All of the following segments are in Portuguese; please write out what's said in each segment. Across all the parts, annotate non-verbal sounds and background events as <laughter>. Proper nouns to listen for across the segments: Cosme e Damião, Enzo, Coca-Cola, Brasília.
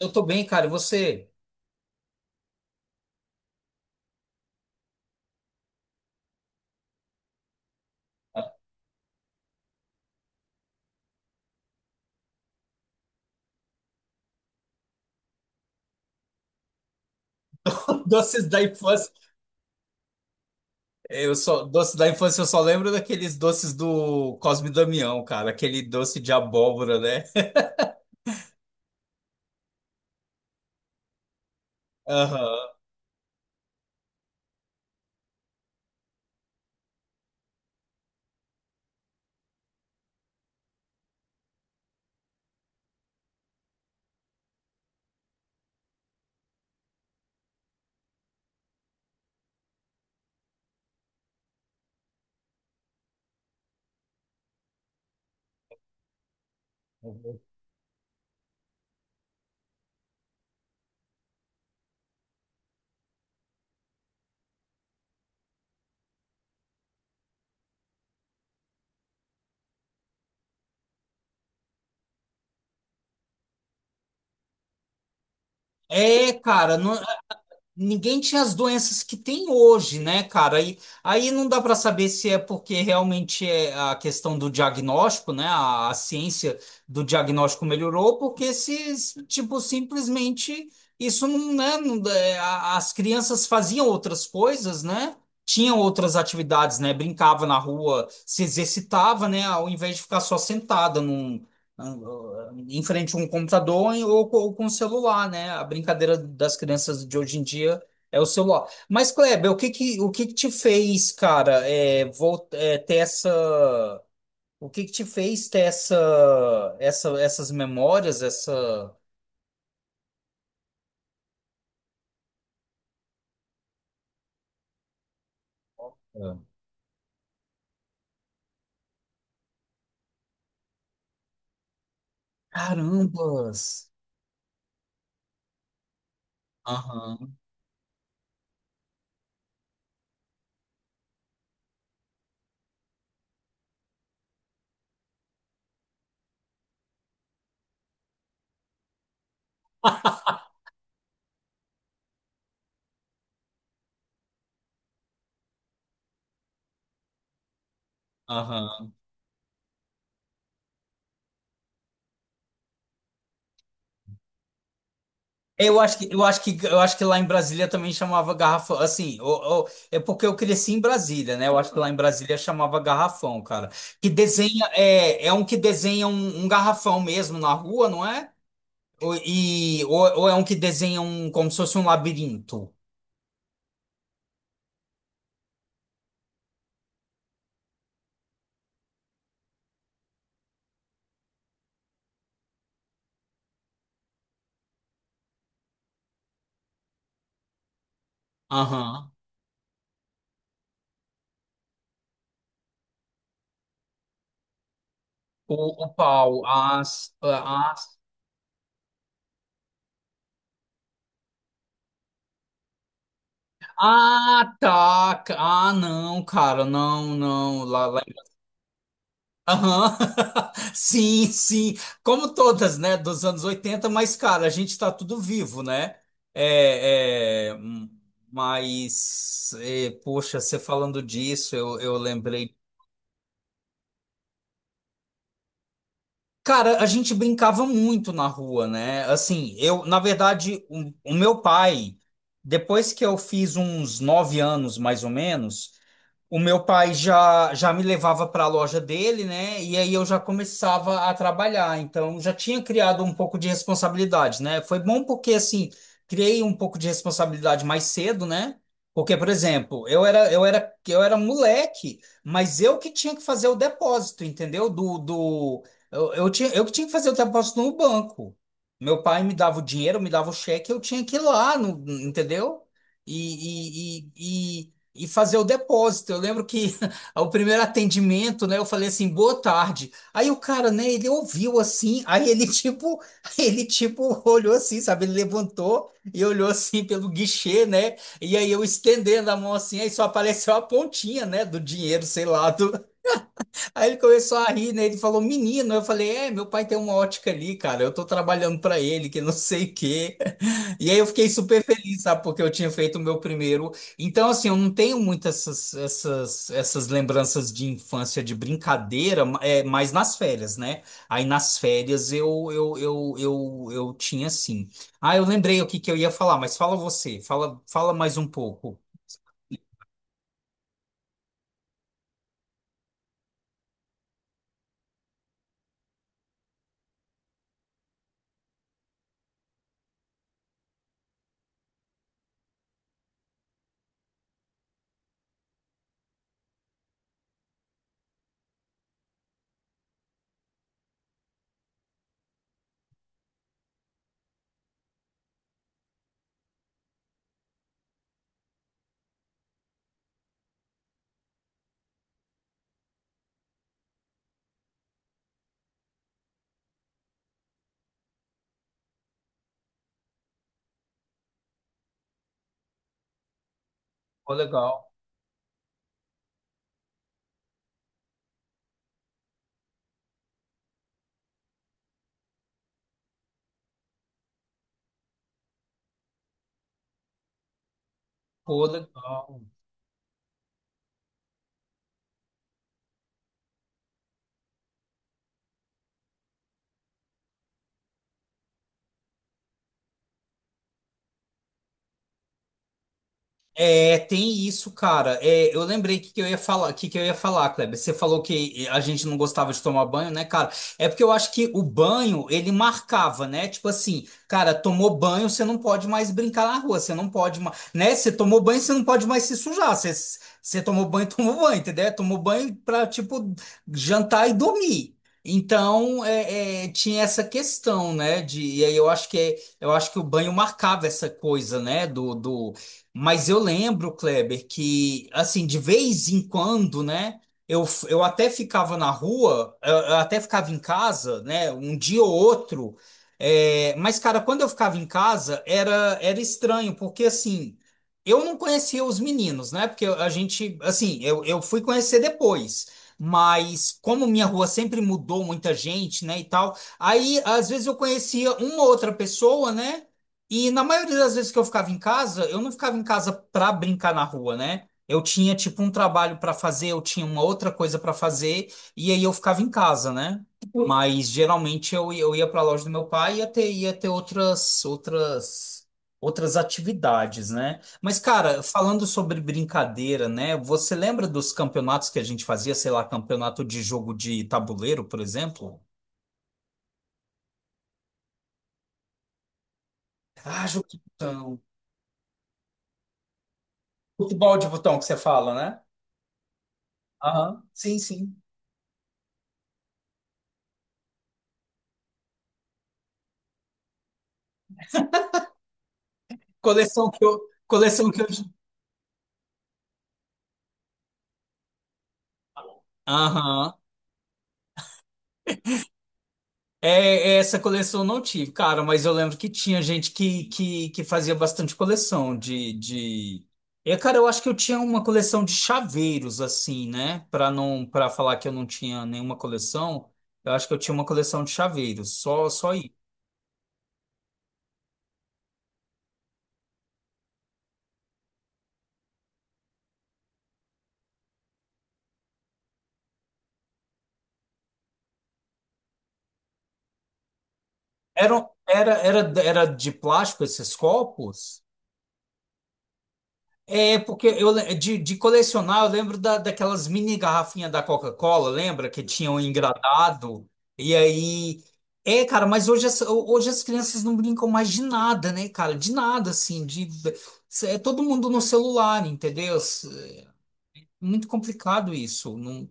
Eu tô bem, cara. E você? <laughs> Doces da infância. Eu só, doces da infância eu só lembro daqueles doces do Cosme e Damião, cara. Aquele doce de abóbora, né? <laughs> Aham. É, cara, não. Ninguém tinha as doenças que tem hoje, né, cara? Aí não dá para saber se é porque realmente é a questão do diagnóstico, né? A ciência do diagnóstico melhorou, porque se, tipo, simplesmente isso não, né? não- é, a- as crianças faziam outras coisas, né? Tinham outras atividades, né? Brincava na rua, se exercitava, né? Ao invés de ficar só sentada em frente a um computador ou com o celular, né? A brincadeira das crianças de hoje em dia é o celular. Mas, Kleber, o que que te fez, cara, ter essa... O que que te fez ter essas memórias, essa... ah, carambas! Aham, aham. Eu acho que lá em Brasília também chamava garrafão. Assim, é porque eu cresci em Brasília, né? Eu acho que lá em Brasília chamava garrafão, cara. Que desenha, é um que desenha um garrafão mesmo na rua, não é? Ou é um que desenha um, como se fosse um labirinto. Aham. O pau, as, as. Ah, tá. Ah, não, cara, não, não. Lá. Aham. <laughs> Sim, sim. Como todas, né, dos anos 80. Mas, cara, a gente tá tudo vivo, né? É, é, hum, poxa, você falando disso, eu lembrei. Cara, a gente brincava muito na rua, né? Assim, eu, na verdade, o meu pai, depois que eu fiz uns 9 anos, mais ou menos, o meu pai já me levava para a loja dele, né? E aí eu já começava a trabalhar. Então já tinha criado um pouco de responsabilidade, né? Foi bom porque assim, criei um pouco de responsabilidade mais cedo, né? Porque, por exemplo, eu era moleque, mas eu que tinha que fazer o depósito, entendeu? Do, do eu tinha eu que tinha que fazer o depósito no banco. Meu pai me dava o dinheiro, me dava o cheque, eu tinha que ir lá, no, entendeu? E, e, e, e fazer o depósito. Eu lembro que <laughs> o primeiro atendimento, né, eu falei assim, boa tarde. Aí o cara, né, ele ouviu assim, <laughs> ele tipo olhou assim, sabe? Ele levantou e olhou assim pelo guichê, né? E aí eu estendendo a mão assim, aí só apareceu a pontinha, né, do dinheiro, sei lá, do. Aí ele começou a rir, né? Ele falou, menino. Eu falei, é, meu pai tem uma ótica ali, cara. Eu tô trabalhando pra ele, que não sei o quê. <laughs> E aí eu fiquei super feliz, sabe? Porque eu tinha feito o meu primeiro. Então, assim, eu não tenho muitas essas lembranças de infância, de brincadeira, mas nas férias, né? Aí nas férias eu tinha, assim. Ah, eu lembrei o que que eu ia falar, mas fala você. Fala mais um pouco. Pô, legal. Pô, legal. É, tem isso, cara. É, eu lembrei que eu ia falar, Kleber. Você falou que a gente não gostava de tomar banho, né, cara? É porque eu acho que o banho, ele marcava, né? Tipo assim, cara, tomou banho, você não pode mais brincar na rua, você não pode mais, né? Você tomou banho, você não pode mais se sujar. Você, você tomou banho, <laughs> tomou banho, entendeu? Tomou banho pra, tipo, jantar e dormir. Então, tinha essa questão, né? E aí eu acho que eu acho que o banho marcava essa coisa, né? Mas eu lembro, Kleber, que assim, de vez em quando, né? Eu até ficava na rua, eu até ficava em casa, né? Um dia ou outro. É, mas, cara, quando eu ficava em casa, era estranho, porque assim, eu não conhecia os meninos, né? Porque a gente, assim, eu fui conhecer depois. Mas como minha rua sempre mudou muita gente, né, e tal, aí às vezes eu conhecia uma outra pessoa, né? E na maioria das vezes que eu ficava em casa, eu não ficava em casa para brincar na rua, né? Eu tinha tipo um trabalho para fazer, eu tinha uma outra coisa para fazer, e aí eu ficava em casa, né? Mas geralmente eu ia para a loja do meu pai e ia ter outras atividades, né? Mas, cara, falando sobre brincadeira, né? Você lembra dos campeonatos que a gente fazia, sei lá, campeonato de jogo de tabuleiro, por exemplo? Ah, jogo de botão. Futebol de botão que você fala, né? Aham. Sim, sim. Coleção que eu. Coleção que eu. Aham. É, essa coleção eu não tive, cara, mas eu lembro que tinha gente que fazia bastante coleção de... É, cara, eu acho que eu tinha uma coleção de chaveiros, assim, né? Para não, para falar que eu não tinha nenhuma coleção, eu acho que eu tinha uma coleção de chaveiros, só aí. Era de plástico esses copos? É, porque eu de colecionar, eu lembro da, daquelas mini garrafinhas da Coca-Cola, lembra? Que tinham engradado. E aí. É, cara, mas hoje hoje as crianças não brincam mais de nada, né, cara? De nada, assim. De, é todo mundo no celular, entendeu? Muito complicado isso. Não...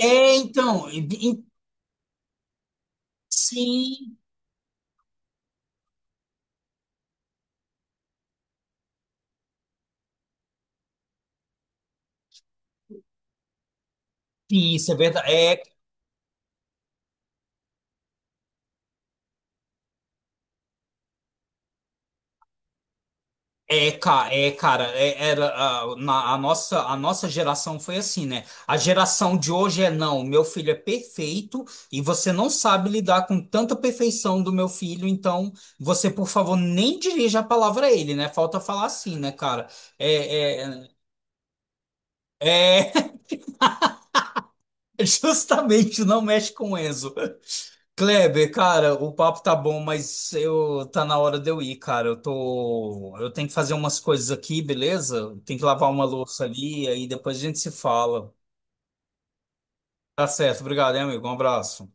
É, então. Sim, sim, isso é verdade. Cara, era, a nossa geração foi assim, né? A geração de hoje é não, meu filho é perfeito e você não sabe lidar com tanta perfeição do meu filho, então você, por favor, nem dirija a palavra a ele, né? Falta falar assim, né, cara? É, é, é, <laughs> Justamente, não mexe com o Enzo. Kleber, cara, o papo tá bom, mas eu tá na hora de eu ir, cara. Eu tenho que fazer umas coisas aqui, beleza? Tem que lavar uma louça ali, aí depois a gente se fala. Tá certo, obrigado, hein, amigo. Um abraço.